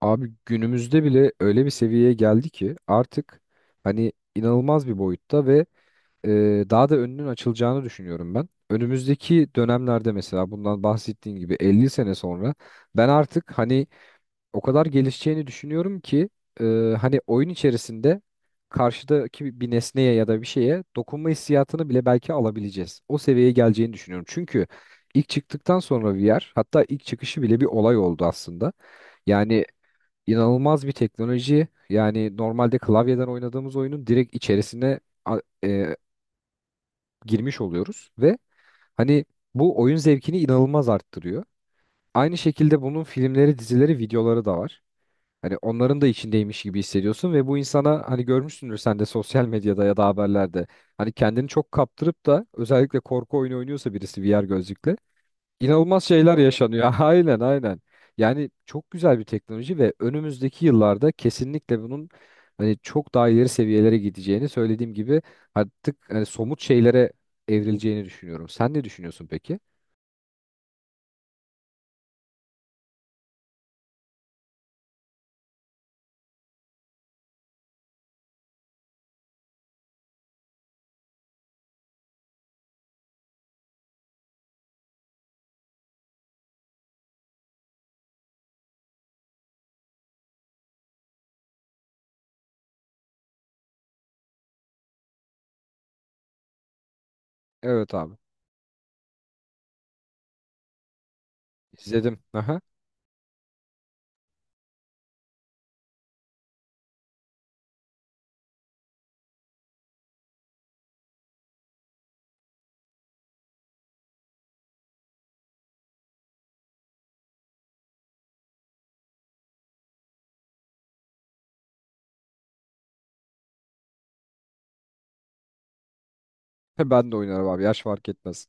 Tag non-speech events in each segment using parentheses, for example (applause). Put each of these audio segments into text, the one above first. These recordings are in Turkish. Abi günümüzde bile öyle bir seviyeye geldi ki artık hani inanılmaz bir boyutta ve e, daha da önünün açılacağını düşünüyorum ben. Önümüzdeki dönemlerde mesela bundan bahsettiğim gibi 50 sene sonra ben artık hani o kadar gelişeceğini düşünüyorum ki e, hani oyun içerisinde karşıdaki bir nesneye ya da bir şeye dokunma hissiyatını bile belki alabileceğiz. O seviyeye geleceğini düşünüyorum. Çünkü ilk çıktıktan sonra VR hatta ilk çıkışı bile bir olay oldu aslında. Yani inanılmaz bir teknoloji. Yani normalde klavyeden oynadığımız oyunun direkt içerisine a- e, girmiş oluyoruz ve hani bu oyun zevkini inanılmaz arttırıyor. Aynı şekilde bunun filmleri, dizileri, videoları da var. Hani onların da içindeymiş gibi hissediyorsun ve bu insana hani görmüşsündür sen de sosyal medyada ya da haberlerde. Hani kendini çok kaptırıp da özellikle korku oyunu oynuyorsa birisi VR gözlükle İnanılmaz şeyler yaşanıyor. (laughs) Aynen aynen. Yani çok güzel bir teknoloji ve önümüzdeki yıllarda kesinlikle bunun hani çok daha ileri seviyelere gideceğini söylediğim gibi artık hani somut şeylere evrileceğini düşünüyorum. Sen ne düşünüyorsun peki? Evet abi. İzledim. Aha. (laughs) Ben de oynarım abi. Yaş fark etmez.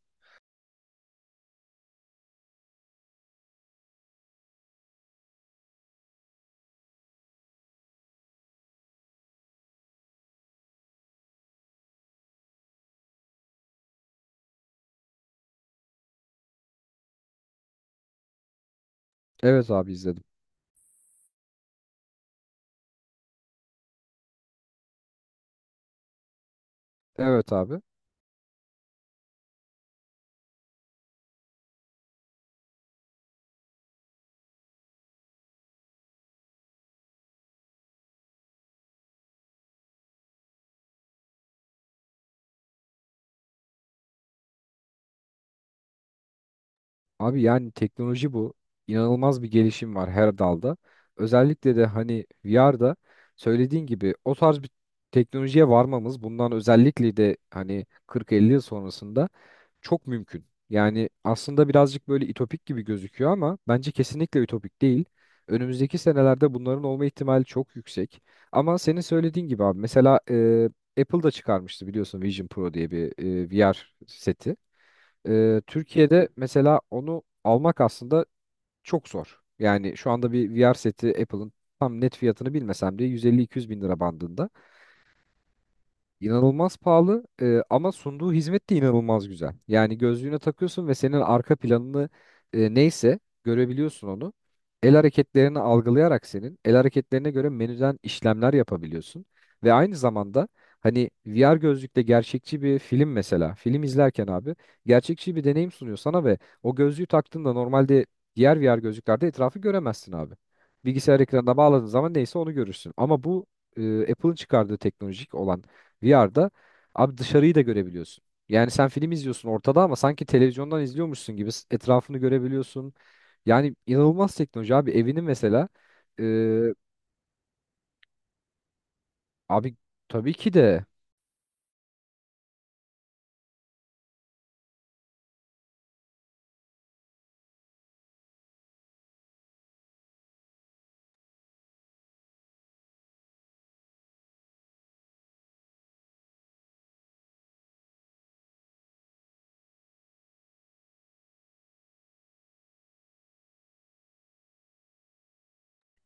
Evet abi izledim. Evet abi. Abi yani teknoloji bu. İnanılmaz bir gelişim var her dalda. Özellikle de hani VR'da söylediğin gibi o tarz bir teknolojiye varmamız bundan özellikle de hani 40-50 yıl sonrasında çok mümkün. Yani aslında birazcık böyle ütopik gibi gözüküyor ama bence kesinlikle ütopik değil. Önümüzdeki senelerde bunların olma ihtimali çok yüksek. Ama senin söylediğin gibi abi mesela Apple da çıkarmıştı biliyorsun Vision Pro diye bir VR seti. Türkiye'de mesela onu almak aslında çok zor. Yani şu anda bir VR seti Apple'ın tam net fiyatını bilmesem de 150-200 bin lira bandında. İnanılmaz pahalı ama sunduğu hizmet de inanılmaz güzel. Yani gözlüğüne takıyorsun ve senin arka planını neyse görebiliyorsun onu. El hareketlerini algılayarak senin el hareketlerine göre menüden işlemler yapabiliyorsun. Ve aynı zamanda hani VR gözlükle gerçekçi bir film mesela film izlerken abi gerçekçi bir deneyim sunuyor sana ve o gözlüğü taktığında normalde diğer VR gözlüklerde etrafı göremezsin abi. Bilgisayar ekranına bağladığın zaman neyse onu görürsün. Ama bu Apple'ın çıkardığı teknolojik olan VR'da abi dışarıyı da görebiliyorsun. Yani sen film izliyorsun ortada ama sanki televizyondan izliyormuşsun gibi etrafını görebiliyorsun. Yani inanılmaz teknoloji abi evini mesela e, abi tabii ki de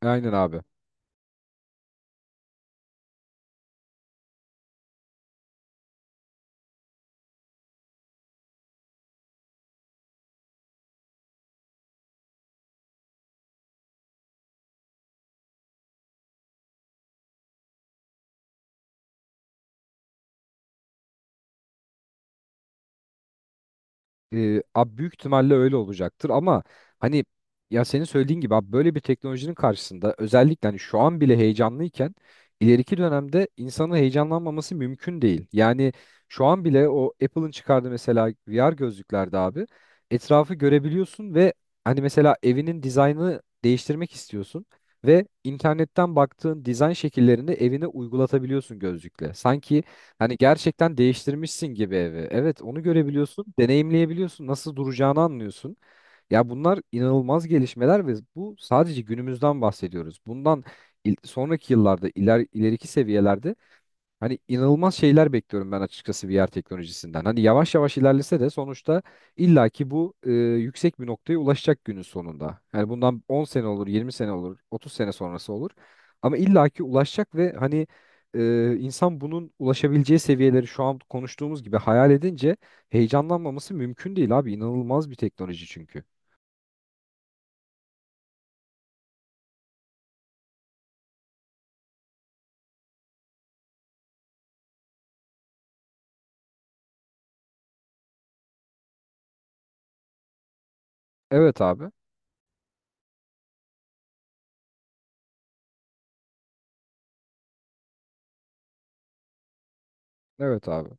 aynen abi. Abi büyük ihtimalle öyle olacaktır ama hani ya senin söylediğin gibi abi böyle bir teknolojinin karşısında özellikle hani şu an bile heyecanlıyken ileriki dönemde insanın heyecanlanmaması mümkün değil. Yani şu an bile o Apple'ın çıkardığı mesela VR gözlüklerde abi etrafı görebiliyorsun ve hani mesela evinin dizaynını değiştirmek istiyorsun ve internetten baktığın dizayn şekillerini evine uygulatabiliyorsun gözlükle. Sanki hani gerçekten değiştirmişsin gibi evi. Evet, onu görebiliyorsun, deneyimleyebiliyorsun, nasıl duracağını anlıyorsun. Ya bunlar inanılmaz gelişmeler ve bu sadece günümüzden bahsediyoruz. Bundan sonraki yıllarda, ileriki seviyelerde hani inanılmaz şeyler bekliyorum ben açıkçası VR teknolojisinden. Hani yavaş yavaş ilerlese de sonuçta illaki bu yüksek bir noktaya ulaşacak günün sonunda. Yani bundan 10 sene olur, 20 sene olur, 30 sene sonrası olur. Ama illaki ulaşacak ve hani insan bunun ulaşabileceği seviyeleri şu an konuştuğumuz gibi hayal edince heyecanlanmaması mümkün değil abi. İnanılmaz bir teknoloji çünkü. Evet abi. Evet abi.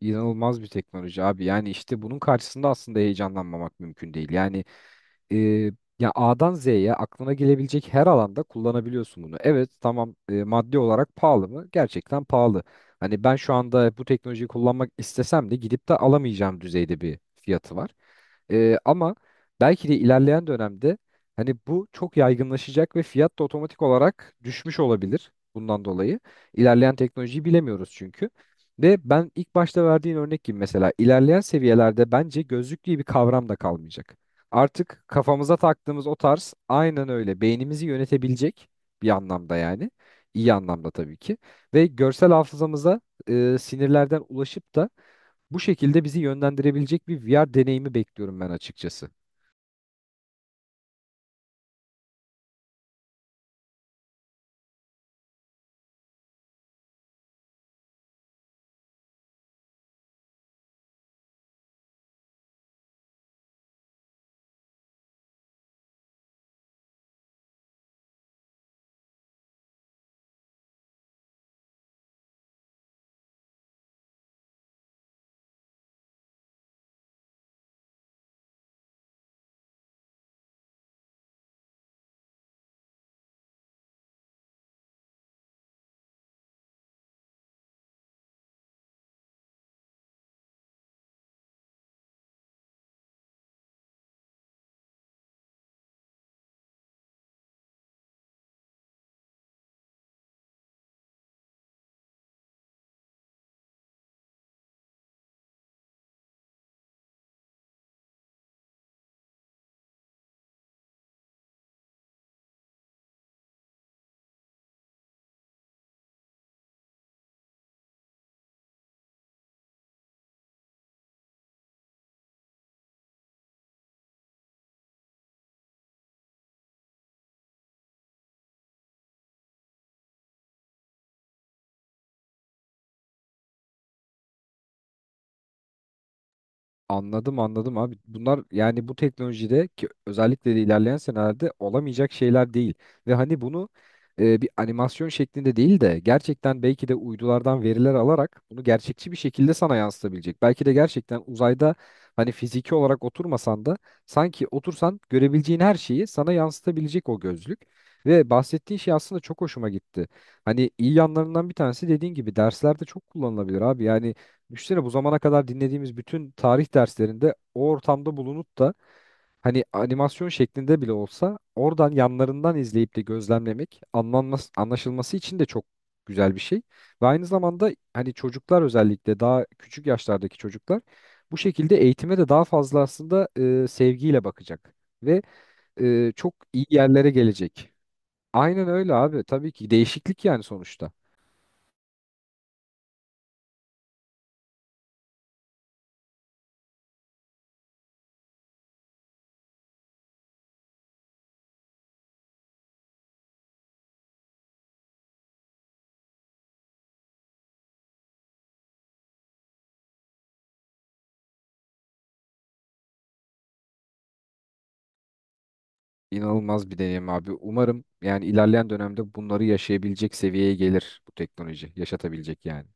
İnanılmaz bir teknoloji abi. Yani işte bunun karşısında aslında heyecanlanmamak mümkün değil. Yani e, ya A'dan Z'ye aklına gelebilecek her alanda kullanabiliyorsun bunu. Evet tamam maddi olarak pahalı mı? Gerçekten pahalı. Hani ben şu anda bu teknolojiyi kullanmak istesem de gidip de alamayacağım düzeyde bir fiyatı var. Ama belki de ilerleyen dönemde hani bu çok yaygınlaşacak ve fiyat da otomatik olarak düşmüş olabilir bundan dolayı. İlerleyen teknolojiyi bilemiyoruz çünkü. Ve ben ilk başta verdiğin örnek gibi mesela ilerleyen seviyelerde bence gözlük diye bir kavram da kalmayacak. Artık kafamıza taktığımız o tarz aynen öyle beynimizi yönetebilecek bir anlamda yani. İyi anlamda tabii ki. Ve görsel hafızamıza sinirlerden ulaşıp da bu şekilde bizi yönlendirebilecek bir VR deneyimi bekliyorum ben açıkçası. Anladım anladım abi. Bunlar yani bu teknolojide ki özellikle de ilerleyen senelerde olamayacak şeyler değil. Ve hani bunu bir animasyon şeklinde değil de gerçekten belki de uydulardan veriler alarak bunu gerçekçi bir şekilde sana yansıtabilecek. Belki de gerçekten uzayda hani fiziki olarak oturmasan da sanki otursan görebileceğin her şeyi sana yansıtabilecek o gözlük. Ve bahsettiğin şey aslında çok hoşuma gitti. Hani iyi yanlarından bir tanesi dediğin gibi derslerde çok kullanılabilir abi. Yani düşünsene bu zamana kadar dinlediğimiz bütün tarih derslerinde o ortamda bulunup da hani animasyon şeklinde bile olsa oradan yanlarından izleyip de gözlemlemek anlanması, anlaşılması için de çok güzel bir şey. Ve aynı zamanda hani çocuklar özellikle daha küçük yaşlardaki çocuklar bu şekilde eğitime de daha fazla aslında sevgiyle bakacak ve çok iyi yerlere gelecek. Aynen öyle abi. Tabii ki değişiklik yani sonuçta. İnanılmaz bir deneyim abi. Umarım yani ilerleyen dönemde bunları yaşayabilecek seviyeye gelir bu teknoloji. Yaşatabilecek yani.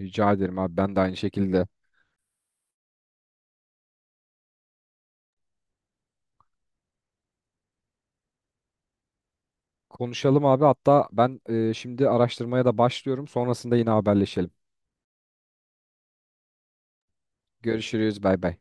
Rica ederim abi ben de aynı şekilde. Konuşalım abi hatta ben şimdi araştırmaya da başlıyorum. Sonrasında yine haberleşelim. Görüşürüz bay bay.